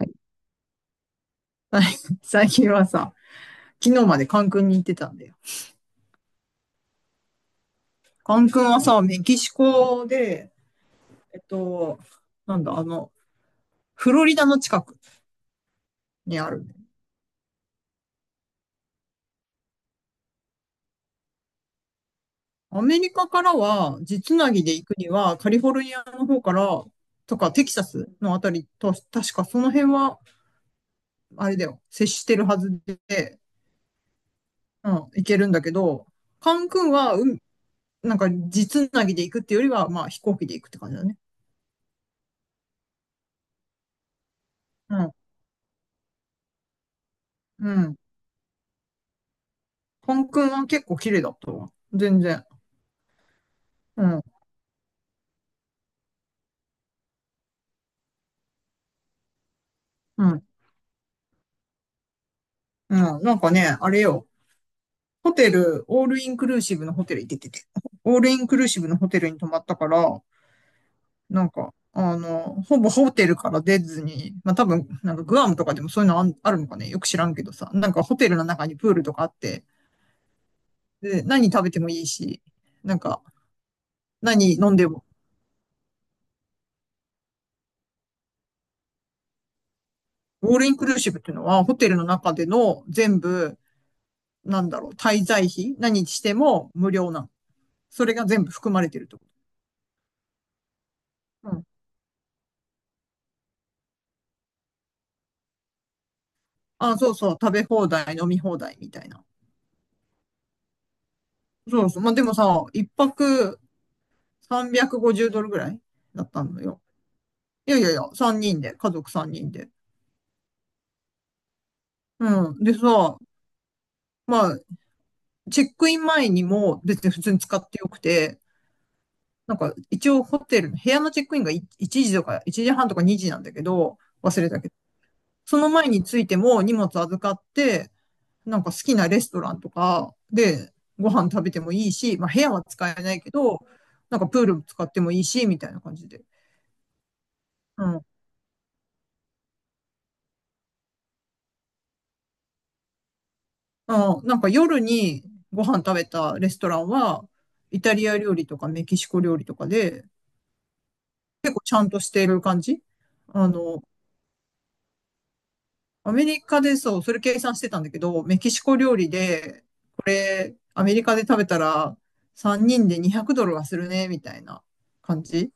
はい 最近はさ、昨日までカン君に行ってたんだよ。カン君はさ、メキシコで、えっと、なんだ、あの、フロリダの近くにある。アメリカからは、地つなぎで行くには、カリフォルニアの方から、とか、テキサスのあたりと、確かその辺は、あれだよ、接してるはずで、うん、行けるんだけど、カン君は、うん、なんか、地つなぎで行くっていうよりは、まあ、飛行機で行くって感じだね。うん。うん。カン君は結構綺麗だったわ。全然。うん。うん。うん。なんかね、あれよ。ホテル、オールインクルーシブのホテル行ってて。オールインクルーシブのホテルに泊まったから、なんか、ほぼホテルから出ずに、まあ多分、なんかグアムとかでもそういうのあるのかね、よく知らんけどさ、なんかホテルの中にプールとかあって、で、何食べてもいいし、なんか、何飲んでも、オールインクルーシブっていうのは、ホテルの中での全部、なんだろう、滞在費、何しても無料なの。それが全部含まれてるってこと。うん。あ、そうそう、食べ放題、飲み放題みたいな。そうそう。まあ、でもさ、一泊350ドルぐらいだったのよ。いやいやいや、3人で、家族3人で。うん。でさ、まあ、チェックイン前にも別に普通に使ってよくて、なんか一応ホテルの部屋のチェックインが1時とか1時半とか2時なんだけど、忘れたけど、その前についても荷物預かって、なんか好きなレストランとかでご飯食べてもいいし、まあ部屋は使えないけど、なんかプール使ってもいいし、みたいな感じで。うん。うん、なんか夜にご飯食べたレストランは、イタリア料理とかメキシコ料理とかで、結構ちゃんとしている感じ。あの、アメリカでそう、それ計算してたんだけど、メキシコ料理で、これ、アメリカで食べたら、3人で200ドルはするね、みたいな感じ。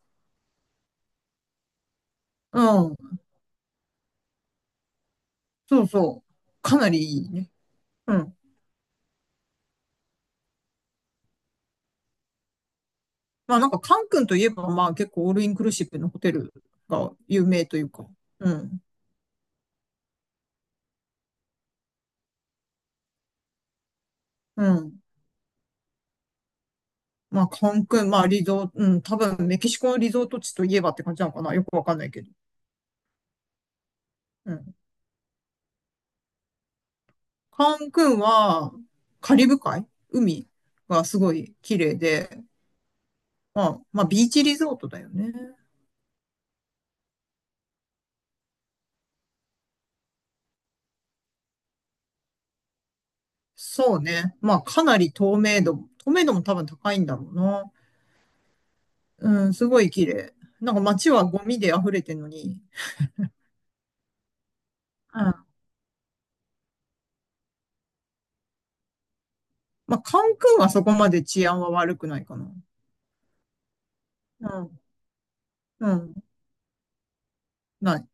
うん。そうそう。かなりいいね。うん。まあなんか、カン君といえば、まあ結構オールインクルーシブのホテルが有名というか。うん。うん。まあカン君、まあリゾート、うん、多分メキシコのリゾート地といえばって感じなのかな。よくわかんないけど。うん。カン君は、カリブ海海がすごい綺麗で、まあビーチリゾートだよね。そうね。まあかなり透明度も多分高いんだろうな。うん、すごい綺麗。なんか街はゴミで溢れてるのに、まあ、カンクンはそこまで治安は悪くないかな。うん。うん。ない。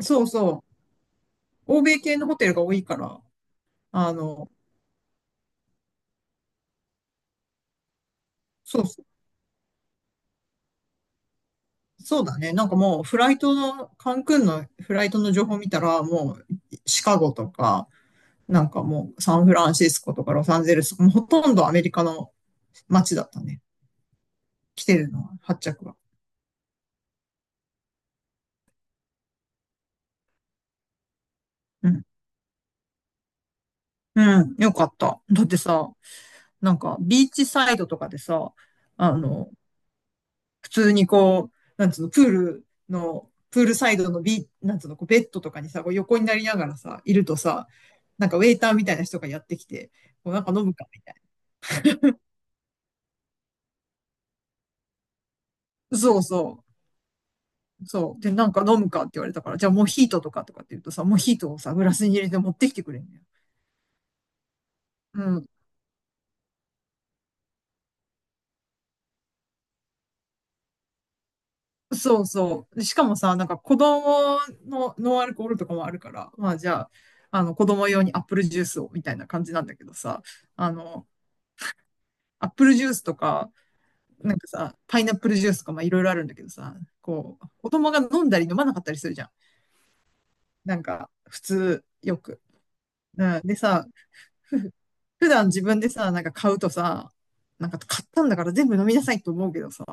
そうそう。欧米系のホテルが多いから、あの、そうそう。そうだね。なんかもう、フライトの、カンクンのフライトの情報見たら、もう、シカゴとか、なんかもう、サンフランシスコとかロサンゼルスもうほとんどアメリカの街だったね。来てるのは、発着は。うん。うん。よかった。だってさ、なんか、ビーチサイドとかでさ、あの、普通にこう、なんつうの、プールサイドのなんつうの、こうベッドとかにさ、こう横になりながらさ、いるとさ、なんかウェイターみたいな人がやってきて、こうなんか飲むかみたいな。そうそう。そう。で、なんか飲むかって言われたから、じゃあモヒートとかって言うとさ、モヒートをさ、グラスに入れて持ってきてくれんのよ。うん。そうそう。でしかもさ、なんか子供のノンアルコールとかもあるから、まあじゃあ、あの子供用にアップルジュースをみたいな感じなんだけどさ、あの、アップルジュースとか、なんかさ、パイナップルジュースとかまあいろいろあるんだけどさ、こう、子供が飲んだり飲まなかったりするじゃん。なんか、普通、よく。うんでさ、ふ普段自分でさ、なんか買うとさ、なんか買ったんだから全部飲みなさいと思うけどさ、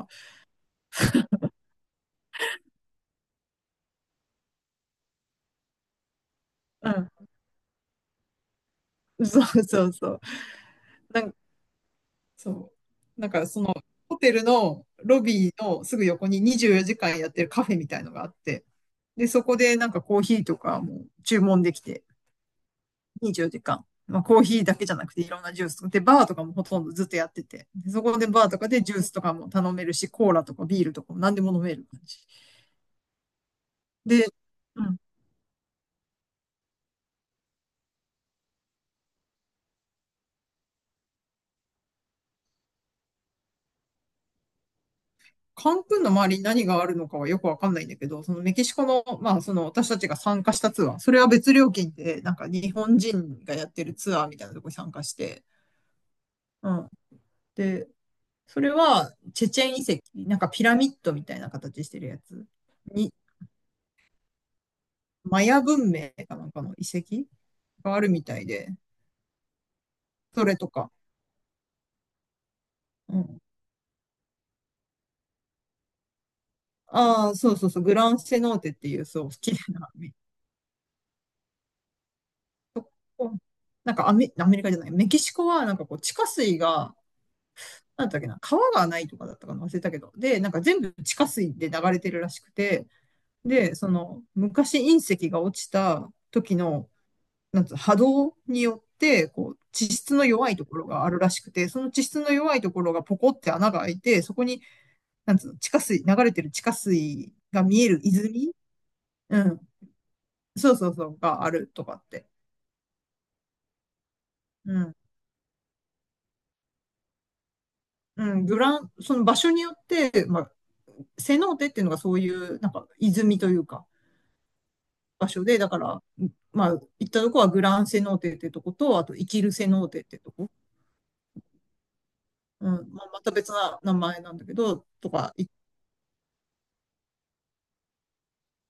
うん、そうそうそう。なんか、そう。なんかその、ホテルのロビーのすぐ横に24時間やってるカフェみたいのがあって、で、そこでなんかコーヒーとかも注文できて、24時間。まあ、コーヒーだけじゃなくていろんなジュース。で、バーとかもほとんどずっとやってて。でそこでバーとかでジュースとかも頼めるし、コーラとかビールとかも何でも飲める感じ。で、うん。カンクンの周りに何があるのかはよくわかんないんだけど、そのメキシコの、まあその私たちが参加したツアー、それは別料金で、なんか日本人がやってるツアーみたいなとこに参加して、うん。で、それはチェチェン遺跡、なんかピラミッドみたいな形してるやつ。にマヤ文明かなんかの遺跡があるみたいで、それとか。うん、ああ、そうそうそう、グランセノーテっていう、そう、綺麗な、なんかアメリカじゃない、メキシコはなんかこう、地下水が、なんだっけな、川がないとかだったかな、忘れたけど、で、なんか全部地下水で流れてるらしくて、で、その、昔隕石が落ちた時の、なんつう、波動によって、こう、地質の弱いところがあるらしくて、その地質の弱いところがポコって穴が開いて、そこになんつうの、地下水、流れてる地下水が見える泉。うん。そうそうそう、があるとかって。うん。うん。グラン、その場所によって、まあ、セノーテっていうのがそういう、なんか、泉というか、場所で、だから、まあ、行ったとこはグランセノーテってとこと、あと、生きるセノーテってとこ、うん、まあ、また別な名前なんだけど、とか、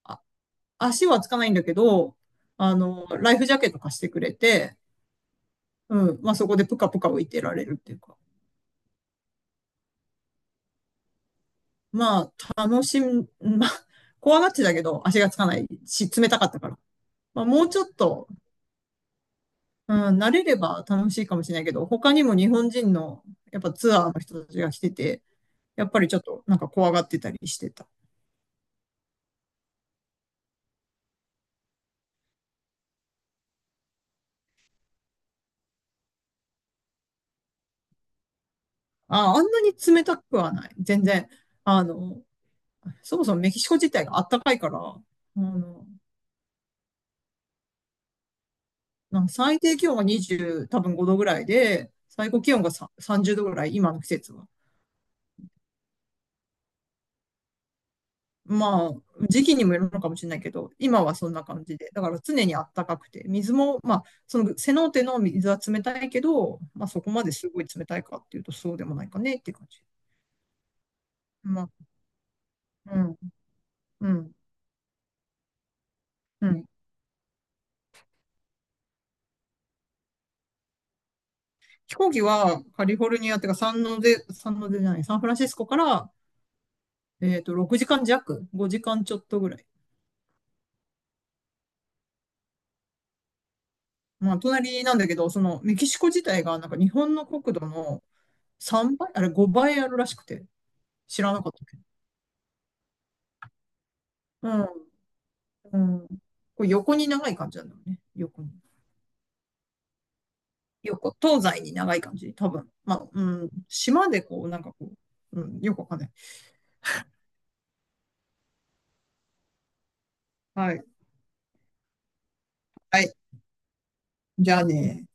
あ、足はつかないんだけど、ライフジャケット貸してくれて、うん、まあ、そこでぷかぷか浮いてられるっていうか、まあ、楽しみ、まあ、怖がってたけど、足がつかないし、冷たかったから。まあ、もうちょっと、うん、慣れれば楽しいかもしれないけど、他にも日本人の、やっぱツアーの人たちが来てて、やっぱりちょっとなんか怖がってたりしてた。あ、あんなに冷たくはない。全然。あの、そもそもメキシコ自体が暖かいから、の、なんか最低気温が20、多分5度ぐらいで、最高気温がさ30度ぐらい、今の季節は。まあ、時期にもよるのかもしれないけど、今はそんな感じで、だから常にあったかくて、水も、まあ、そのセノーテの水は冷たいけど、まあ、そこまですごい冷たいかっていうと、そうでもないかねっていう感じ。まあ、うん、うん、うん。飛行機はカリフォルニアっていうか、サンノゼ、サンノゼじゃない、サンフランシスコから、6時間弱、5時間ちょっとぐらい。まあ、隣なんだけど、そのメキシコ自体が、なんか日本の国土の3倍、あれ5倍あるらしくて、知らなかったけど。うん。うん。これ横に長い感じなんだよね。横に。横、東西に長い感じ。多分。まあ、うん。島でこう、なんかこう、うん。よくわかんない。はい。はい。じゃあね。